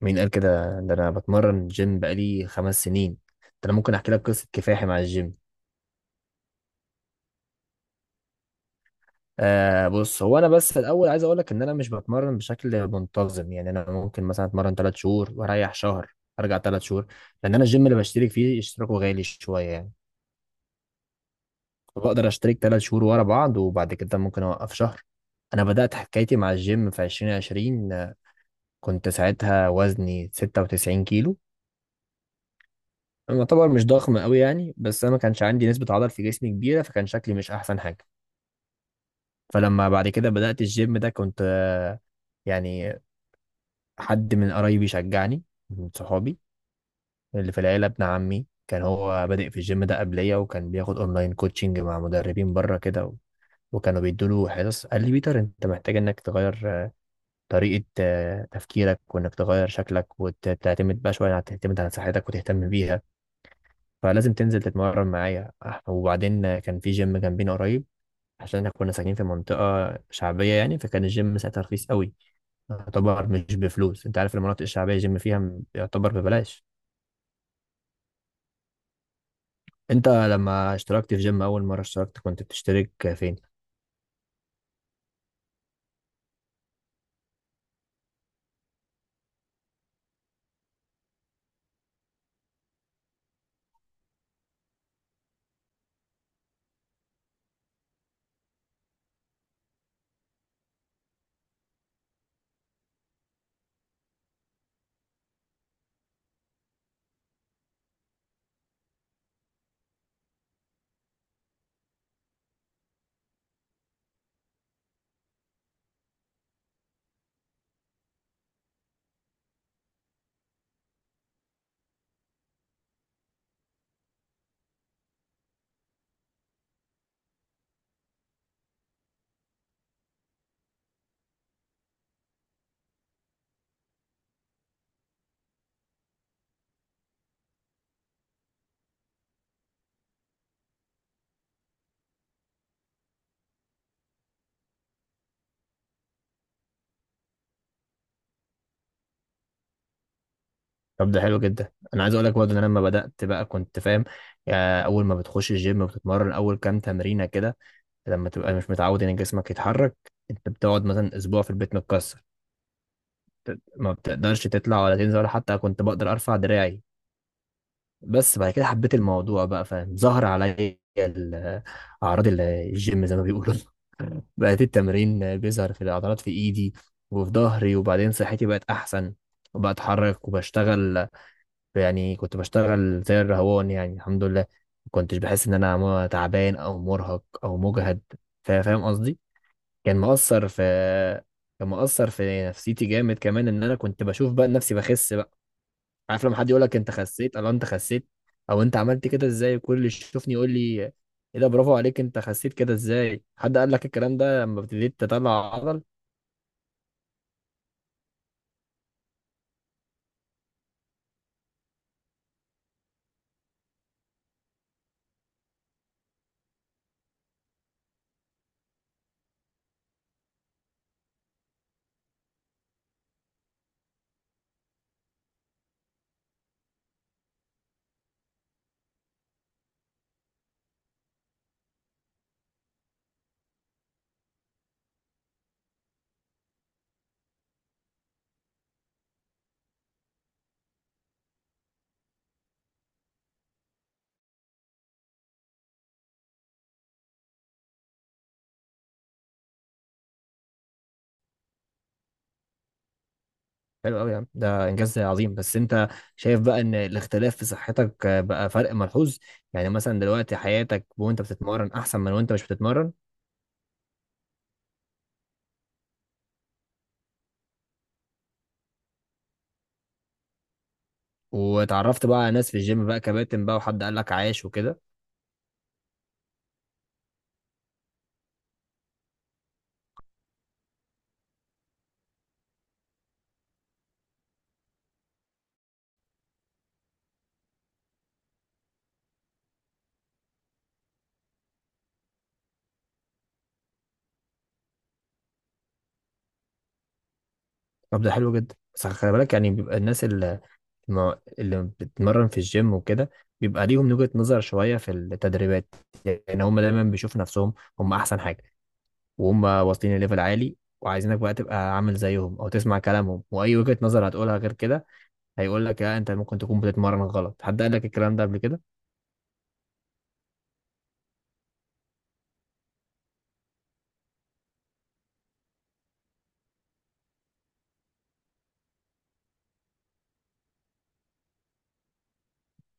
مين قال كده؟ ده انا بتمرن جيم بقالي خمس سنين. ده انا ممكن احكي لك قصه كفاحي مع الجيم. آه، بص، هو انا بس الاول عايز اقول لك ان انا مش بتمرن بشكل منتظم. يعني انا ممكن مثلا اتمرن ثلاث شهور واريح شهر، ارجع ثلاث شهور. لان انا الجيم اللي بشترك فيه اشتراكه غالي شويه يعني، فبقدر اشترك ثلاث شهور ورا بعض وبعد كده ممكن اوقف شهر. انا بدات حكايتي مع الجيم في 2020 كنت ساعتها وزني 96 كيلو. انا يعتبر مش ضخم قوي يعني، بس انا ما كانش عندي نسبة عضل في جسمي كبيرة، فكان شكلي مش احسن حاجة. فلما بعد كده بدأت الجيم ده كنت، يعني، حد من قرايبي شجعني، من صحابي. اللي في العيلة ابن عمي كان هو بادئ في الجيم ده قبليا، وكان بياخد اونلاين كوتشنج مع مدربين بره كده وكانوا بيدوله حصص. قال لي بيتر انت محتاج انك تغير، طريقة تفكيرك، وانك تغير شكلك وتعتمد بقى شوية على تعتمد على صحتك وتهتم بيها. فلازم تنزل تتمرن معايا. وبعدين كان في جيم جنبينا قريب، عشان احنا كنا ساكنين في منطقة شعبية يعني، فكان الجيم ساعتها رخيص قوي، يعتبر مش بفلوس. انت عارف المناطق الشعبية الجيم فيها يعتبر ببلاش. انت لما اشتركت في جيم اول مرة اشتركت كنت بتشترك فين؟ طب ده حلو جدا. انا عايز اقول لك برضه ان انا لما بدأت بقى كنت فاهم، اول ما بتخش الجيم بتتمرن اول كام تمرينة كده، لما تبقى مش متعود ان جسمك يتحرك، انت بتقعد مثلا اسبوع في البيت متكسر، ما بتقدرش تطلع ولا تنزل ولا حتى كنت بقدر ارفع دراعي. بس بعد كده حبيت الموضوع بقى فاهم، ظهر عليا اعراض الجيم زي ما بيقولوا. بقت التمرين بيظهر في العضلات، في ايدي وفي ظهري، وبعدين صحتي بقت احسن وبتحرك وبشتغل. يعني كنت بشتغل زي الرهوان يعني، الحمد لله ما كنتش بحس ان انا تعبان او مرهق او مجهد. فاهم قصدي؟ كان مؤثر في، كان مؤثر في نفسيتي جامد كمان، ان انا كنت بشوف بقى نفسي بخس. عارف لما حد يقول لك انت خسيت، الله انت خسيت، او انت عملت كده ازاي؟ كل اللي يشوفني يقول لي ايه ده، برافو عليك، انت خسيت كده ازاي؟ حد قال لك الكلام ده لما ابتديت تطلع عضل؟ حلو قوي يا عم، ده انجاز عظيم. بس انت شايف بقى ان الاختلاف في صحتك بقى فرق ملحوظ؟ يعني مثلا دلوقتي حياتك وانت بتتمرن احسن من وانت مش بتتمرن؟ وتعرفت بقى على ناس في الجيم بقى، كباتن بقى وحد قال لك عايش وكده؟ طب ده حلو جدا. بس خلي بالك، يعني بيبقى الناس اللي، ما اللي بتتمرن في الجيم وكده، بيبقى ليهم وجهة نظر شوية في التدريبات. يعني هم دايما بيشوفوا نفسهم هم أحسن حاجة، وهم واصلين لليفل عالي وعايزينك بقى تبقى عامل زيهم أو تسمع كلامهم، وأي وجهة نظر هتقولها غير كده هيقول لك لا، أنت ممكن تكون بتتمرن غلط. حد قال لك الكلام ده قبل كده؟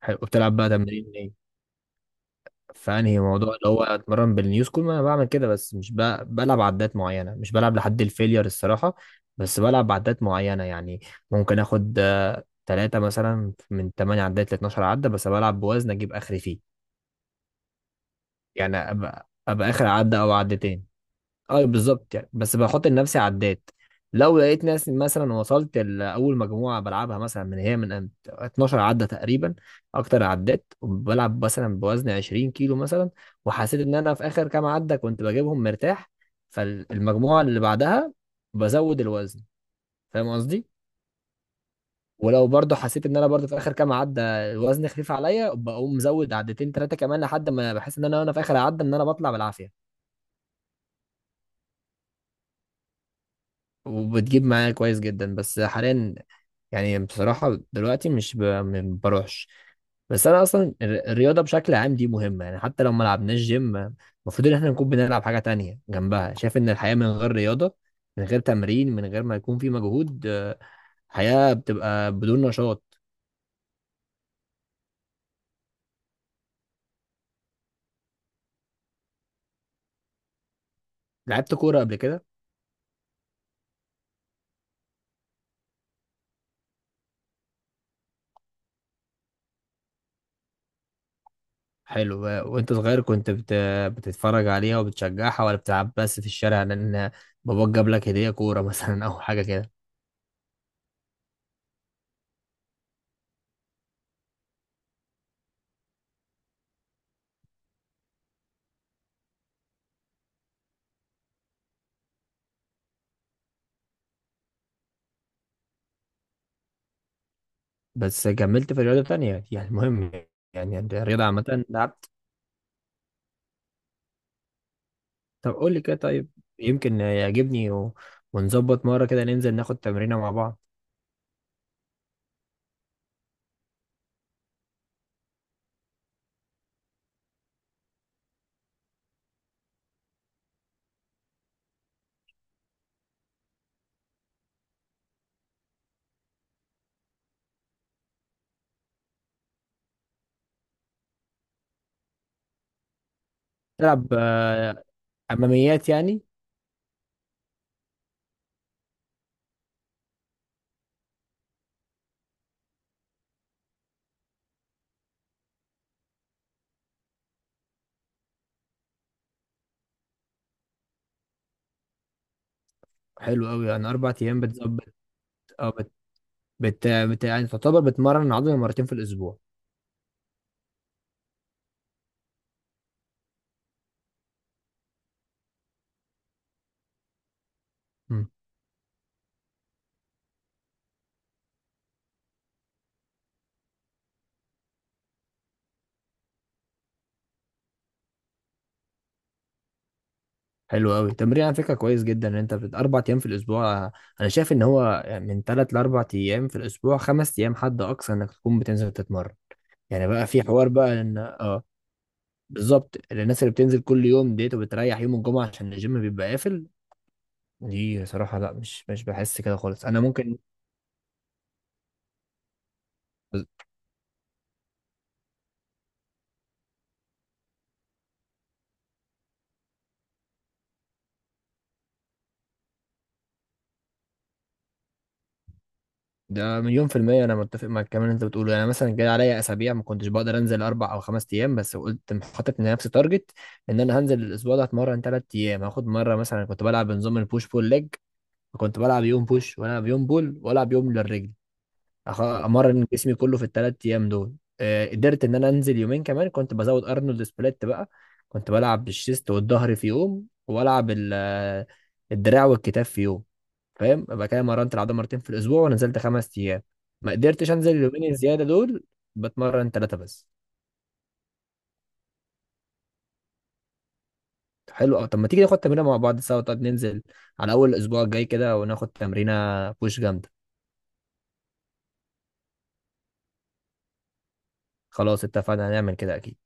حلو، وبتلعب بقى تمرين إيه؟ فأنهي موضوع اللي هو أتمرن بالنيو سكول. ما أنا بعمل كده، بس مش بقى بلعب عدات معينة، مش بلعب لحد الفيلير الصراحة. بس بلعب عدات معينة يعني، ممكن آخد تلاتة مثلا من تمانية عدات لاتناشر عدة، بس بلعب بوزن أجيب آخري فيه. يعني أبقى آخر عدة أو عدتين. أه بالظبط، يعني بس بحط لنفسي عدات. لو لقيت ناس مثلا وصلت لأول مجموعة بلعبها مثلا من هي من 12 عدة تقريبا، أكتر عدات، وبلعب مثلا بوزن 20 كيلو مثلا، وحسيت إن أنا في آخر كام عدة كنت بجيبهم مرتاح، فالمجموعة اللي بعدها بزود الوزن. فاهم قصدي؟ ولو برضه حسيت ان انا برضه في اخر كام عده الوزن خفيف عليا، بقوم مزود عدتين ثلاثه كمان لحد ما بحس ان انا وانا في اخر عده ان انا بطلع بالعافيه. وبتجيب معايا كويس جدا. بس حاليا يعني بصراحه دلوقتي مش ب... ما بروحش. بس انا اصلا الرياضه بشكل عام دي مهمه، يعني حتى لو ما لعبناش جيم المفروض ان احنا نكون بنلعب حاجه تانية جنبها. شايف ان الحياه من غير رياضه، من غير تمرين، من غير ما يكون في مجهود، حياه بتبقى بدون نشاط. لعبت كوره قبل كده؟ حلو. وانت صغير كنت بتتفرج عليها وبتشجعها ولا بتلعب بس في الشارع، لان باباك جاب لك هدية كورة مثلا او حاجة كده؟ بس كملت في رياضة تانية يعني المهم، يعني الرياضة عامة لعبت. طب قول لي كده طيب، يمكن يعجبني ونظبط مرة كده ننزل ناخد تمرينة مع بعض. تلعب، أماميات يعني؟ حلو قوي، أنا أربع أيام بتظبط. أه يعني تعتبر بتمرن العضلة مرتين في الأسبوع. مم. حلو قوي، تمرين على فكره كويس جدا ان انت اربع ايام في الاسبوع. انا شايف ان هو من ثلاث لاربع ايام في الاسبوع، خمس ايام حد اقصى انك تكون بتنزل تتمرن. يعني بقى في حوار بقى ان اه بالظبط الناس اللي بتنزل كل يوم ديت وبتريح يوم الجمعه عشان الجيم بيبقى قافل، دي صراحه لا، مش بحس كده خالص. انا ممكن ده مليون في المية، أنا متفق مع الكلام اللي أنت بتقوله. يعني مثلا جاي عليا أسابيع ما كنتش بقدر أنزل أربع أو خمس أيام، بس قلت حاطط لنفسي تارجت إن أنا هنزل الأسبوع ده أتمرن تلات أيام. هاخد مرة مثلا كنت بلعب بنظام البوش بول ليج، كنت بلعب يوم بوش وألعب يوم بول وألعب يوم للرجل. أمرن جسمي كله في التلات أيام دول. آه، قدرت إن أنا أنزل يومين كمان، كنت بزود أرنولد سبليت بقى. كنت بلعب بالشيست والظهر في يوم وألعب الدراع والكتاف في يوم. فاهم؟ يبقى كده مرنت العضله مرتين في الاسبوع ونزلت خمس ايام. ما قدرتش انزل اليومين الزياده دول، بتمرن ثلاثه بس. حلو أوي. طب ما تيجي ناخد تمرينه مع بعض سوا؟ طب ننزل على اول الاسبوع الجاي كده وناخد تمرينه بوش جامده. خلاص اتفقنا، هنعمل كده اكيد.